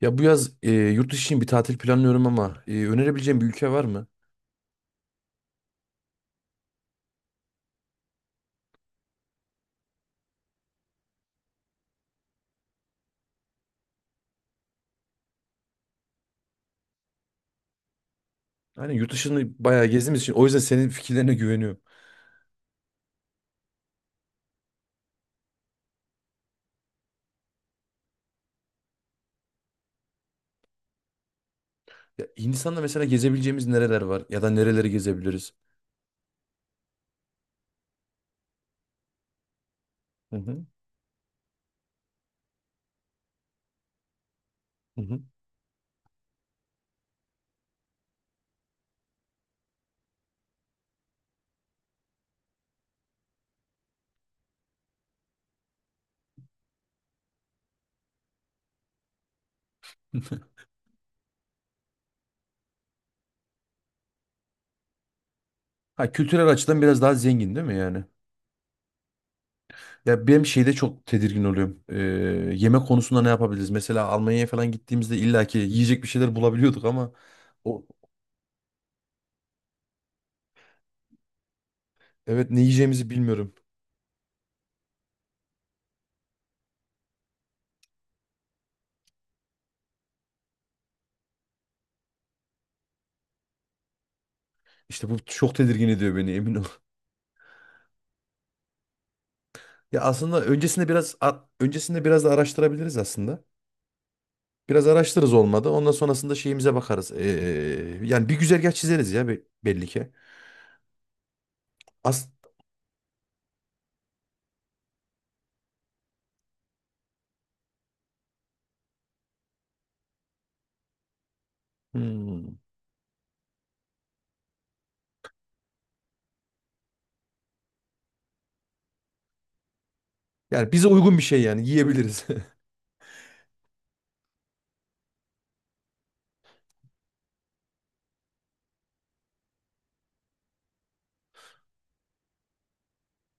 Ya bu yaz yurt dışı için bir tatil planlıyorum ama önerebileceğim bir ülke var mı? Aynen, yurt dışını bayağı gezdiğimiz için o yüzden senin fikirlerine güveniyorum. Ya Hindistan'da mesela gezebileceğimiz nereler var ya da nereleri gezebiliriz? Hı hı. Hı hı. Ha, kültürel açıdan biraz daha zengin değil mi yani? Ya benim şeyde çok tedirgin oluyorum. Yemek konusunda ne yapabiliriz? Mesela Almanya'ya falan gittiğimizde illaki yiyecek bir şeyler bulabiliyorduk ama o evet, ne yiyeceğimizi bilmiyorum. İşte bu çok tedirgin ediyor beni, emin. Ya aslında öncesinde biraz öncesinde biraz da araştırabiliriz aslında. Biraz araştırırız olmadı. Ondan sonrasında şeyimize bakarız. Yani bir güzergah çizeriz ya belli ki. As. Hmm. Yani bize uygun bir şey, yani yiyebiliriz.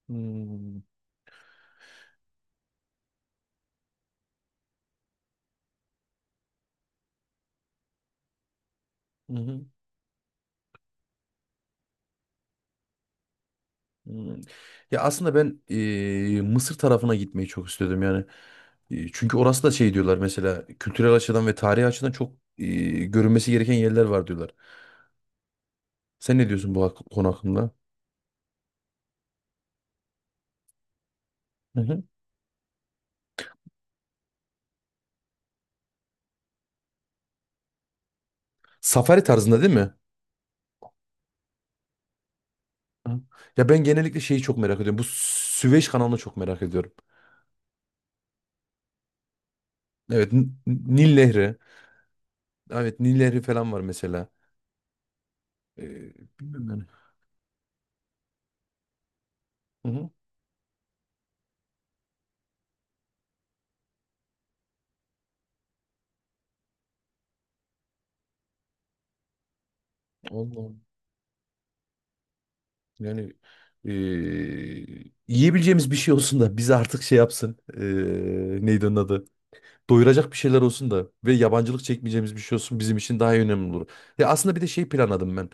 Hmm. Hı hı. Hmm. Ya aslında ben Mısır tarafına gitmeyi çok istiyordum yani. Çünkü orası da şey diyorlar mesela, kültürel açıdan ve tarihi açıdan çok görünmesi gereken yerler var diyorlar. Sen ne diyorsun bu konu hakkında? Hı hı. Safari tarzında değil mi? Hı. Ya ben genellikle şeyi çok merak ediyorum. Bu Süveyş kanalını çok merak ediyorum. Evet, Nil Nehri. Evet, Nil Nehri falan var mesela. Ee, bilmiyorum yani. Hı hı. Allah'ım. Yani ee, yiyebileceğimiz bir şey olsun da bizi artık şey yapsın. Neydi onun adı? Doyuracak bir şeyler olsun da ve yabancılık çekmeyeceğimiz bir şey olsun bizim için daha önemli olur. Ya aslında bir de şey planladım ben.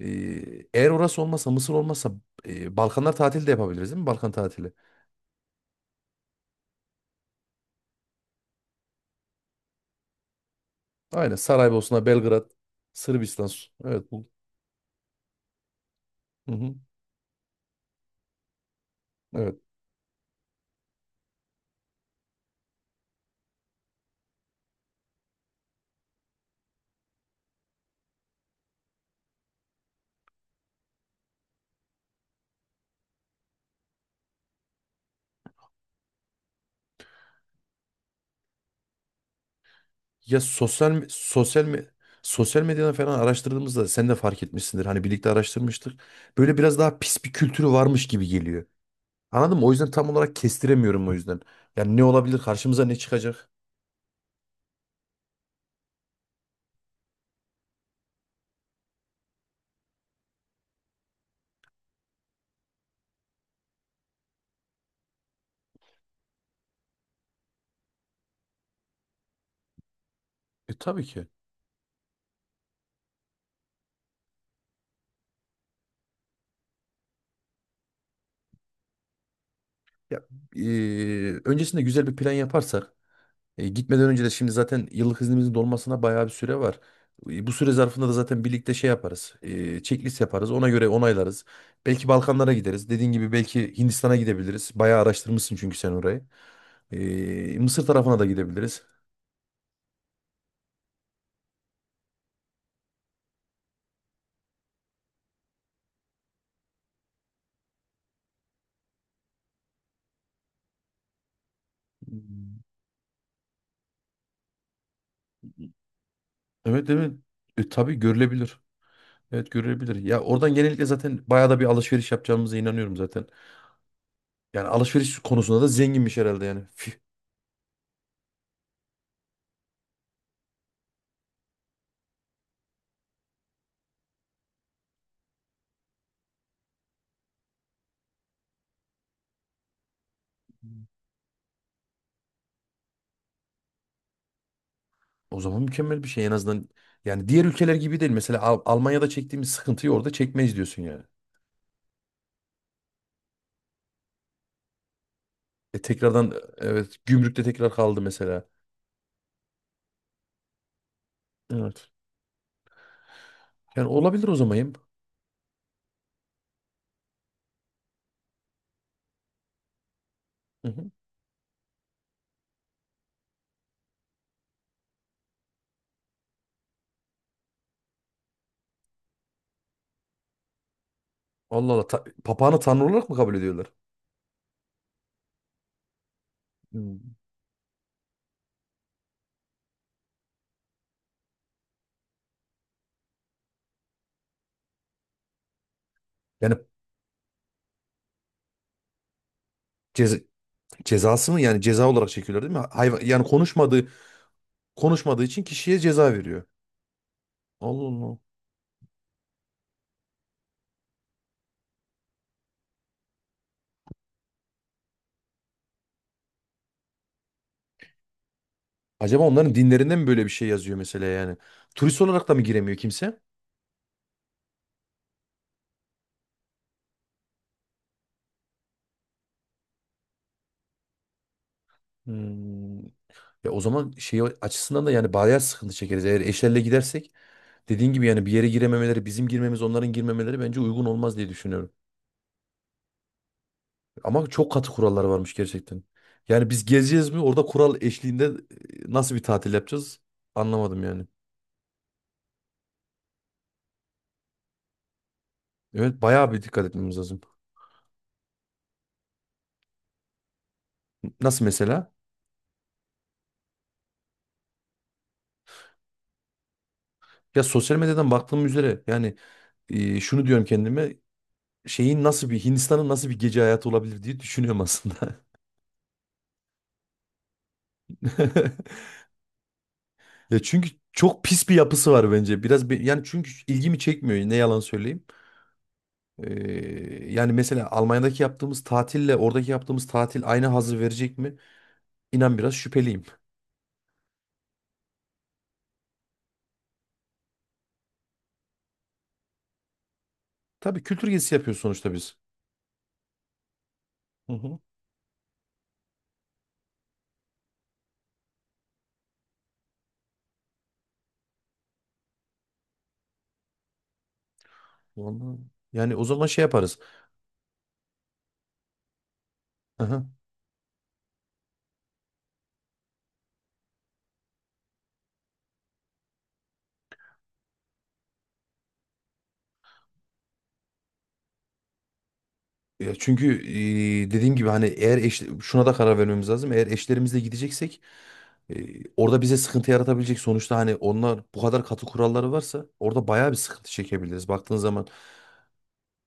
Eğer orası olmasa, Mısır olmasa Balkanlar tatili de yapabiliriz değil mi? Balkan tatili. Aynen, Saraybosna, Belgrad, Sırbistan. Evet, bu. Hı hı. Evet. Ya sosyal medyadan falan araştırdığımızda sen de fark etmişsindir. Hani birlikte araştırmıştık. Böyle biraz daha pis bir kültürü varmış gibi geliyor. Anladın mı? O yüzden tam olarak kestiremiyorum o yüzden. Yani ne olabilir? Karşımıza ne çıkacak? E tabii ki. Ya, e, öncesinde güzel bir plan yaparsak. E, gitmeden önce de şimdi zaten yıllık iznimizin dolmasına bayağı bir süre var. E, bu süre zarfında da zaten birlikte şey yaparız. E, checklist yaparız. Ona göre onaylarız. Belki Balkanlara gideriz. Dediğin gibi belki Hindistan'a gidebiliriz. Bayağı araştırmışsın çünkü sen orayı. E, Mısır tarafına da gidebiliriz. Evet, evet. E, tabii görülebilir. Evet, görülebilir. Ya oradan genellikle zaten bayağı da bir alışveriş yapacağımıza inanıyorum zaten. Yani alışveriş konusunda da zenginmiş herhalde yani. O zaman mükemmel bir şey en azından. Yani diğer ülkeler gibi değil. Mesela Almanya'da çektiğimiz sıkıntıyı orada çekmeyiz diyorsun yani. E tekrardan evet, gümrükte tekrar kaldı mesela. Evet. Yani olabilir o zaman. Hı hı. Allah Allah. Papağanı tanrı olarak mı kabul ediyorlar? Hmm. Yani ceza, cezası mı? Yani ceza olarak çekiyorlar değil mi? Hayvan yani konuşmadığı için kişiye ceza veriyor. Allah Allah. Acaba onların dinlerinde mi böyle bir şey yazıyor mesela yani? Turist olarak da mı giremiyor kimse? Hmm. Ya o zaman şey açısından da yani bayağı sıkıntı çekeriz. Eğer eşlerle gidersek dediğin gibi yani bir yere girememeleri, bizim girmemiz, onların girmemeleri bence uygun olmaz diye düşünüyorum. Ama çok katı kurallar varmış gerçekten. Yani biz gezeceğiz mi? Orada kural eşliğinde nasıl bir tatil yapacağız? Anlamadım yani. Evet, bayağı bir dikkat etmemiz lazım. Nasıl mesela? Ya sosyal medyadan baktığım üzere yani şunu diyorum kendime, şeyin nasıl bir Hindistan'ın nasıl bir gece hayatı olabilir diye düşünüyorum aslında. Ya çünkü çok pis bir yapısı var bence. Biraz bir, yani çünkü ilgimi çekmiyor. Ne yalan söyleyeyim. Yani mesela Almanya'daki yaptığımız tatille oradaki yaptığımız tatil aynı hazzı verecek mi? İnan biraz şüpheliyim. Tabii, kültür gezisi yapıyoruz sonuçta biz. Hı hı. Vallahi. Yani o zaman şey yaparız. Aha. Ya çünkü dediğim gibi hani eğer şuna da karar vermemiz lazım. Eğer eşlerimizle gideceksek e, orada bize sıkıntı yaratabilecek sonuçta, hani onlar bu kadar katı kuralları varsa orada bayağı bir sıkıntı çekebiliriz baktığın zaman.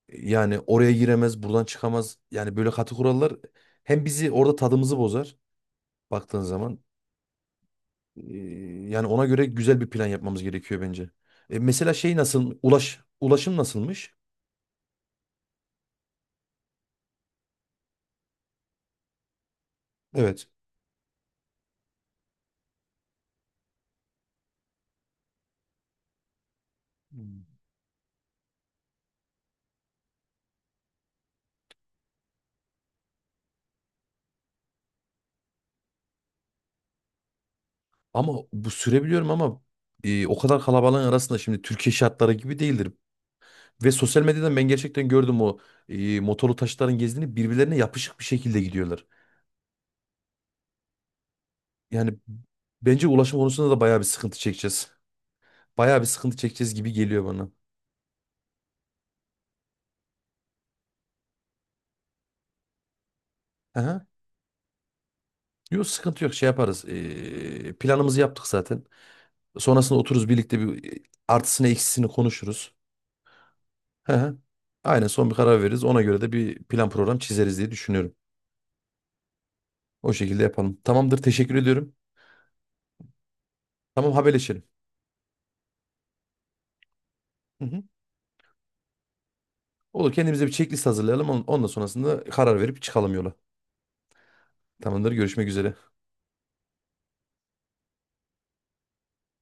Yani oraya giremez, buradan çıkamaz. Yani böyle katı kurallar hem bizi orada tadımızı bozar baktığın zaman. Ee, Yani ona göre güzel bir plan yapmamız gerekiyor bence. E, mesela şey nasıl, ulaşım nasılmış? Evet. Hmm. Ama bu sürebiliyorum ama o kadar kalabalığın arasında şimdi Türkiye şartları gibi değildir. Ve sosyal medyadan ben gerçekten gördüm o motorlu taşıtların gezdiğini birbirlerine yapışık bir şekilde gidiyorlar. Yani bence ulaşım konusunda da bayağı bir sıkıntı çekeceğiz. Bayağı bir sıkıntı çekeceğiz gibi geliyor bana. Aha. Yok sıkıntı yok, şey yaparız. Planımızı yaptık zaten. Sonrasında otururuz birlikte bir artısını eksisini konuşuruz. Hı hı. Aynen, son bir karar veririz. Ona göre de bir plan program çizeriz diye düşünüyorum. O şekilde yapalım. Tamamdır, teşekkür ediyorum. Tamam, haberleşelim. Hı hı. Olur, kendimize bir checklist hazırlayalım. Ondan sonrasında karar verip çıkalım yola. Tamamdır, görüşmek üzere.